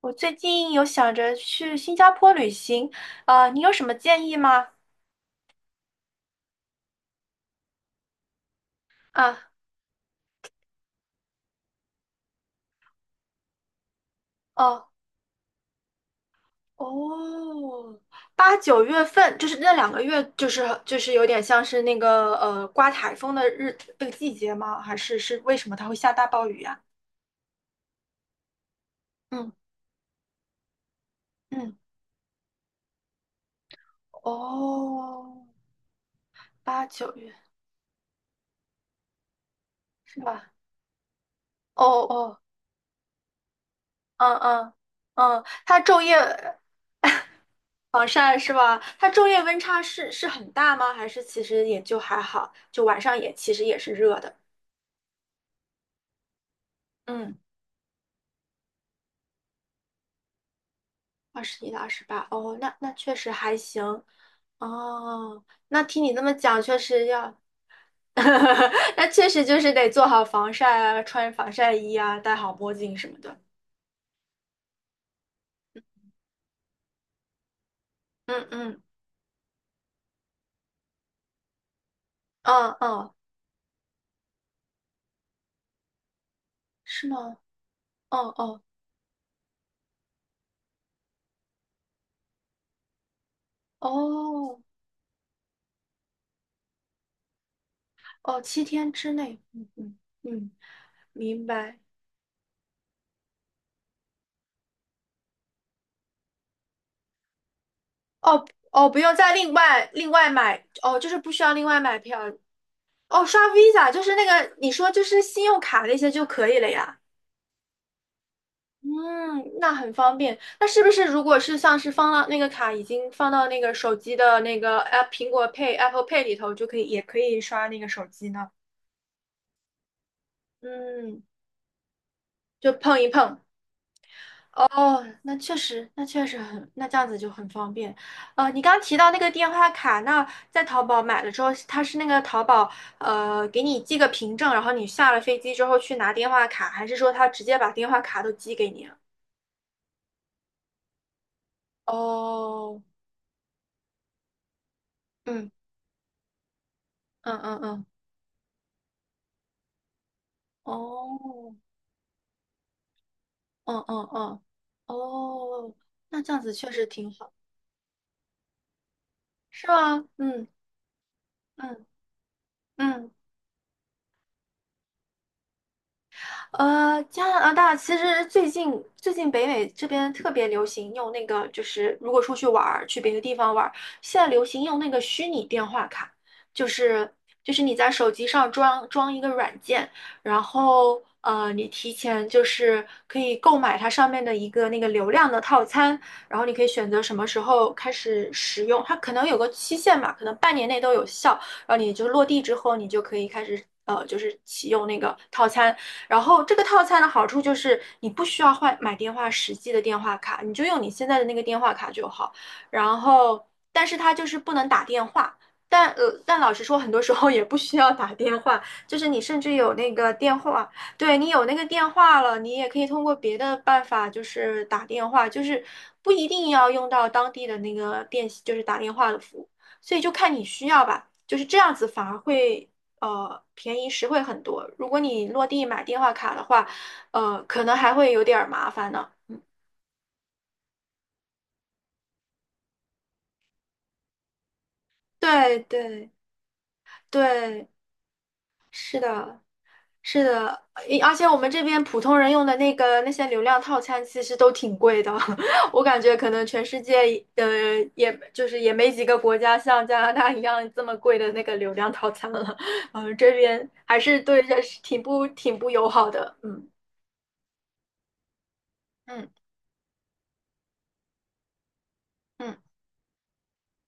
我最近有想着去新加坡旅行，啊，你有什么建议吗？啊，哦，哦，八九月份就是那两个月，就是有点像是那个刮台风的那个季节吗？还是为什么它会下大暴雨呀？嗯嗯，哦，八九月是吧？哦哦，嗯嗯嗯，它昼夜防晒是吧？它昼夜温差是很大吗？还是其实也就还好，就晚上也其实也是热的。嗯，二十一到二十八，哦，那确实还行。哦，那听你这么讲，确实要，那确实就是得做好防晒啊，穿防晒衣啊，戴好墨镜什么的。嗯嗯嗯嗯，是吗？哦哦哦哦，七天之内。嗯嗯嗯，明白。哦哦，不用再另外买哦，就是不需要另外买票哦，刷 Visa 就是那个你说就是信用卡那些就可以了呀。嗯，那很方便。那是不是如果是像是放到那个卡已经放到那个手机的那个 App 苹果 Pay Apple Pay 里头，就可以也可以刷那个手机呢？嗯，就碰一碰。哦，那确实，那确实很，那这样子就很方便。呃，你刚提到那个电话卡，那在淘宝买了之后，它是那个淘宝给你寄个凭证，然后你下了飞机之后去拿电话卡，还是说他直接把电话卡都寄给你啊哦，嗯嗯嗯嗯，哦，嗯嗯嗯，哦，那这样子确实挺好，是吗？嗯嗯嗯。呃，加拿大其实最近最近北美这边特别流行用那个，就是如果出去玩儿，去别的地方玩儿，现在流行用那个虚拟电话卡，就是就是你在手机上装一个软件，然后，你提前就是可以购买它上面的一个那个流量的套餐，然后你可以选择什么时候开始使用，它可能有个期限嘛，可能半年内都有效，然后你就落地之后，你就可以开始。就是启用那个套餐，然后这个套餐的好处就是你不需要换买电话实际的电话卡，你就用你现在的那个电话卡就好。然后，但是它就是不能打电话。但，但老实说，很多时候也不需要打电话，就是你甚至有那个电话，对你有那个电话了，你也可以通过别的办法，就是打电话，就是不一定要用到当地的那个电，就是打电话的服务，所以就看你需要吧，就是这样子反而会便宜实惠很多。如果你落地买电话卡的话，可能还会有点儿麻烦呢。对对对，是的，是的，诶而且我们这边普通人用的那个那些流量套餐其实都挺贵的，我感觉可能全世界呃，也就是也没几个国家像加拿大一样这么贵的那个流量套餐了，这边还是对人是挺不友好的，嗯嗯嗯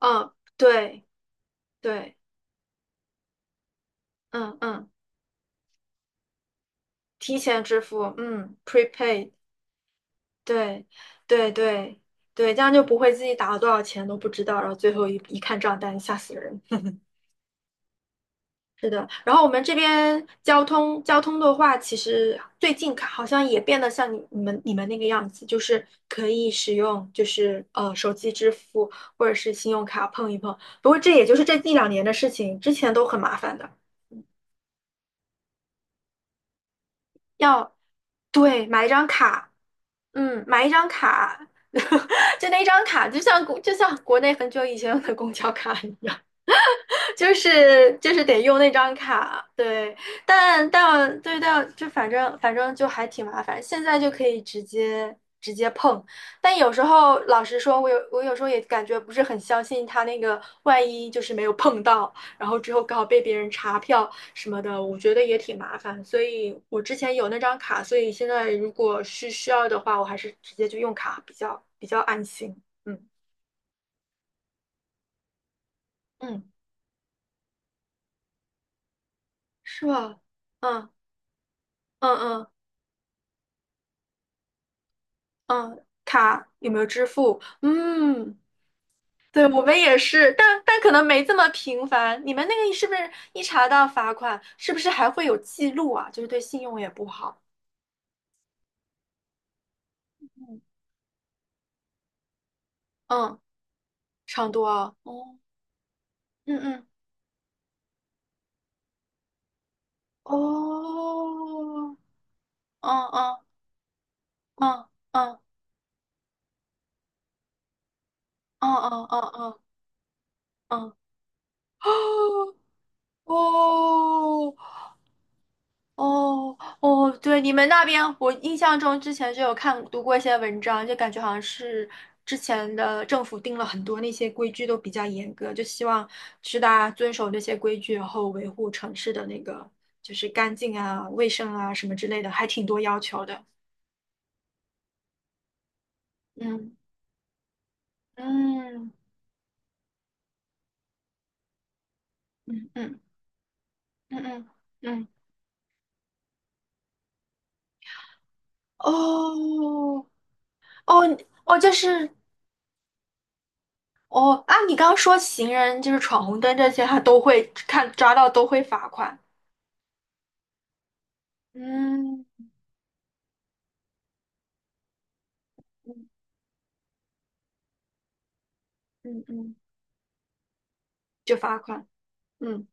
嗯，对对，嗯嗯。提前支付，嗯，prepaid，对，对对对，这样就不会自己打了多少钱都不知道，然后最后一看账单，吓死人。是的，然后我们这边交通的话，其实最近看好像也变得像你们那个样子，就是可以使用就是手机支付或者是信用卡碰一碰。不过这也就是这一两年的事情，之前都很麻烦的，要对买一张卡。嗯，买一张卡，就那张卡，就像国内很久以前有的公交卡一样。就是得用那张卡，对，但但对但就反正反正就还挺麻烦，现在就可以直接碰，但有时候老实说，我有时候也感觉不是很相信他那个，万一就是没有碰到，然后之后刚好被别人查票什么的，我觉得也挺麻烦，所以我之前有那张卡，所以现在如果是需要的话，我还是直接就用卡比较安心，嗯嗯，是吧？嗯嗯嗯。嗯，卡有没有支付？嗯，对，我们也是，但可能没这么频繁。你们那个是不是一查到罚款，是不是还会有记录啊？就是对信用也不好。嗯，嗯，差不多啊。哦，嗯嗯，哦，哦哦哦哦哦哦哦哦哦哦哦，哦哦，对，你们那边，我印象中之前就有看读过一些文章，就感觉好像是之前的政府定了很多那些规矩都比较严格，就希望是大家遵守这些规矩，然后维护城市的那个就是干净啊、卫生啊什么之类的，还挺多要求的。嗯嗯嗯嗯嗯嗯嗯，哦哦哦，哦啊，你刚刚说行人就是闯红灯这些，他都会看抓到都会罚款。嗯嗯嗯嗯，就罚款。嗯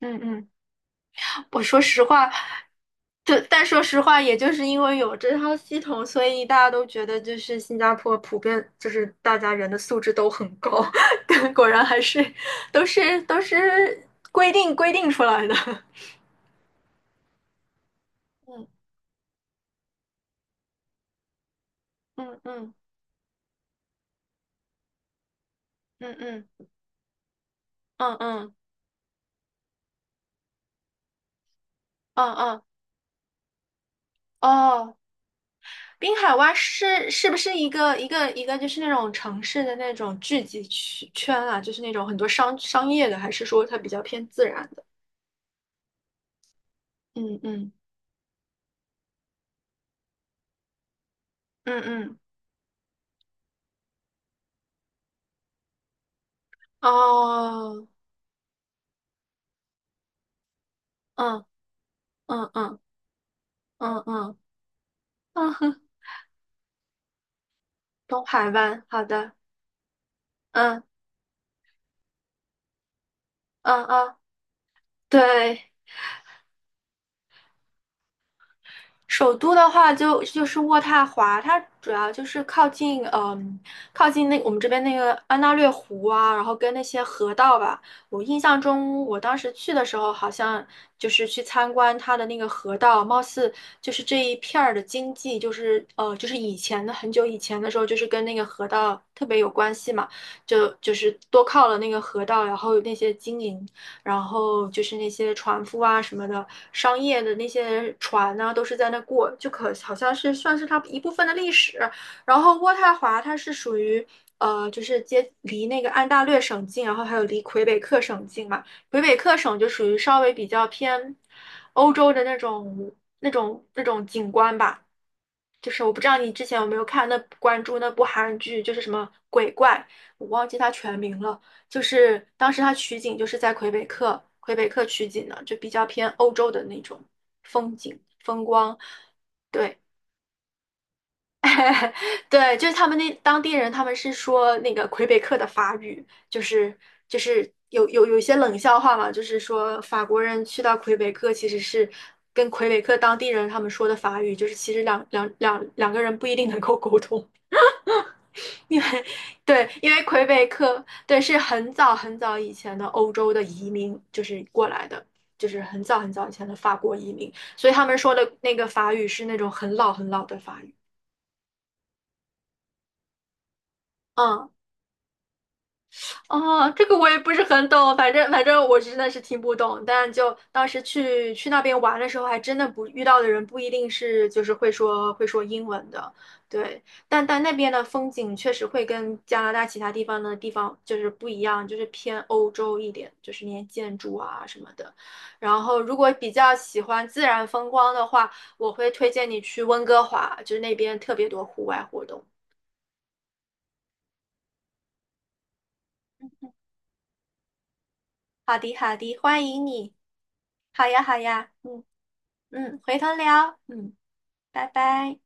嗯嗯，我说实话，就但说实话，也就是因为有这套系统，所以大家都觉得就是新加坡普遍就是大家人的素质都很高，但果然还是都是规定出来的。嗯嗯嗯嗯嗯嗯嗯嗯嗯哦，滨海湾是不是一个就是那种城市的那种聚集区圈啊？就是那种很多商业的，还是说它比较偏自然的？嗯嗯嗯嗯，哦，嗯嗯嗯嗯嗯嗯，东海湾，好的，嗯嗯嗯，对。首都的话就是渥太华，它主要就是靠近，嗯，靠近那我们这边那个安大略湖啊，然后跟那些河道吧。我印象中，我当时去的时候，好像就是去参观它的那个河道，貌似就是这一片儿的经济，就是，就是以前的很久以前的时候，就是跟那个河道特别有关系嘛，就是多靠了那个河道，然后那些经营。然后就是那些船夫啊什么的，商业的那些船呢、啊都是在那过，就可好像是算是它一部分的历史。然后渥太华它是属于。就是接离那个安大略省近，然后还有离魁北克省近嘛。魁北克省就属于稍微比较偏欧洲的那种那种景观吧。就是我不知道你之前有没有看那关注那部韩剧，就是什么鬼怪，我忘记它全名了。就是当时它取景就是在魁北克，魁北克取景的，就比较偏欧洲的那种风光。对。对，就是他们那当地人，他们是说那个魁北克的法语，就是就是有有一些冷笑话嘛，就是说法国人去到魁北克其实是跟魁北克当地人他们说的法语，就是其实两个人不一定能够沟通，因为对，因为魁北克对是很早很早以前的欧洲的移民就是过来的，就是很早很早以前的法国移民，所以他们说的那个法语是那种很老很老的法语，嗯。哦，这个我也不是很懂，反正我真的是听不懂，但就当时去那边玩的时候，还真的不遇到的人不一定是就是会说英文的，对，但那边的风景确实会跟加拿大其他地方就是不一样，就是偏欧洲一点，就是那些建筑啊什么的。然后如果比较喜欢自然风光的话，我会推荐你去温哥华，就是那边特别多户外活动。好的好的，欢迎你。好呀好呀，嗯。嗯，回头聊，嗯，拜拜。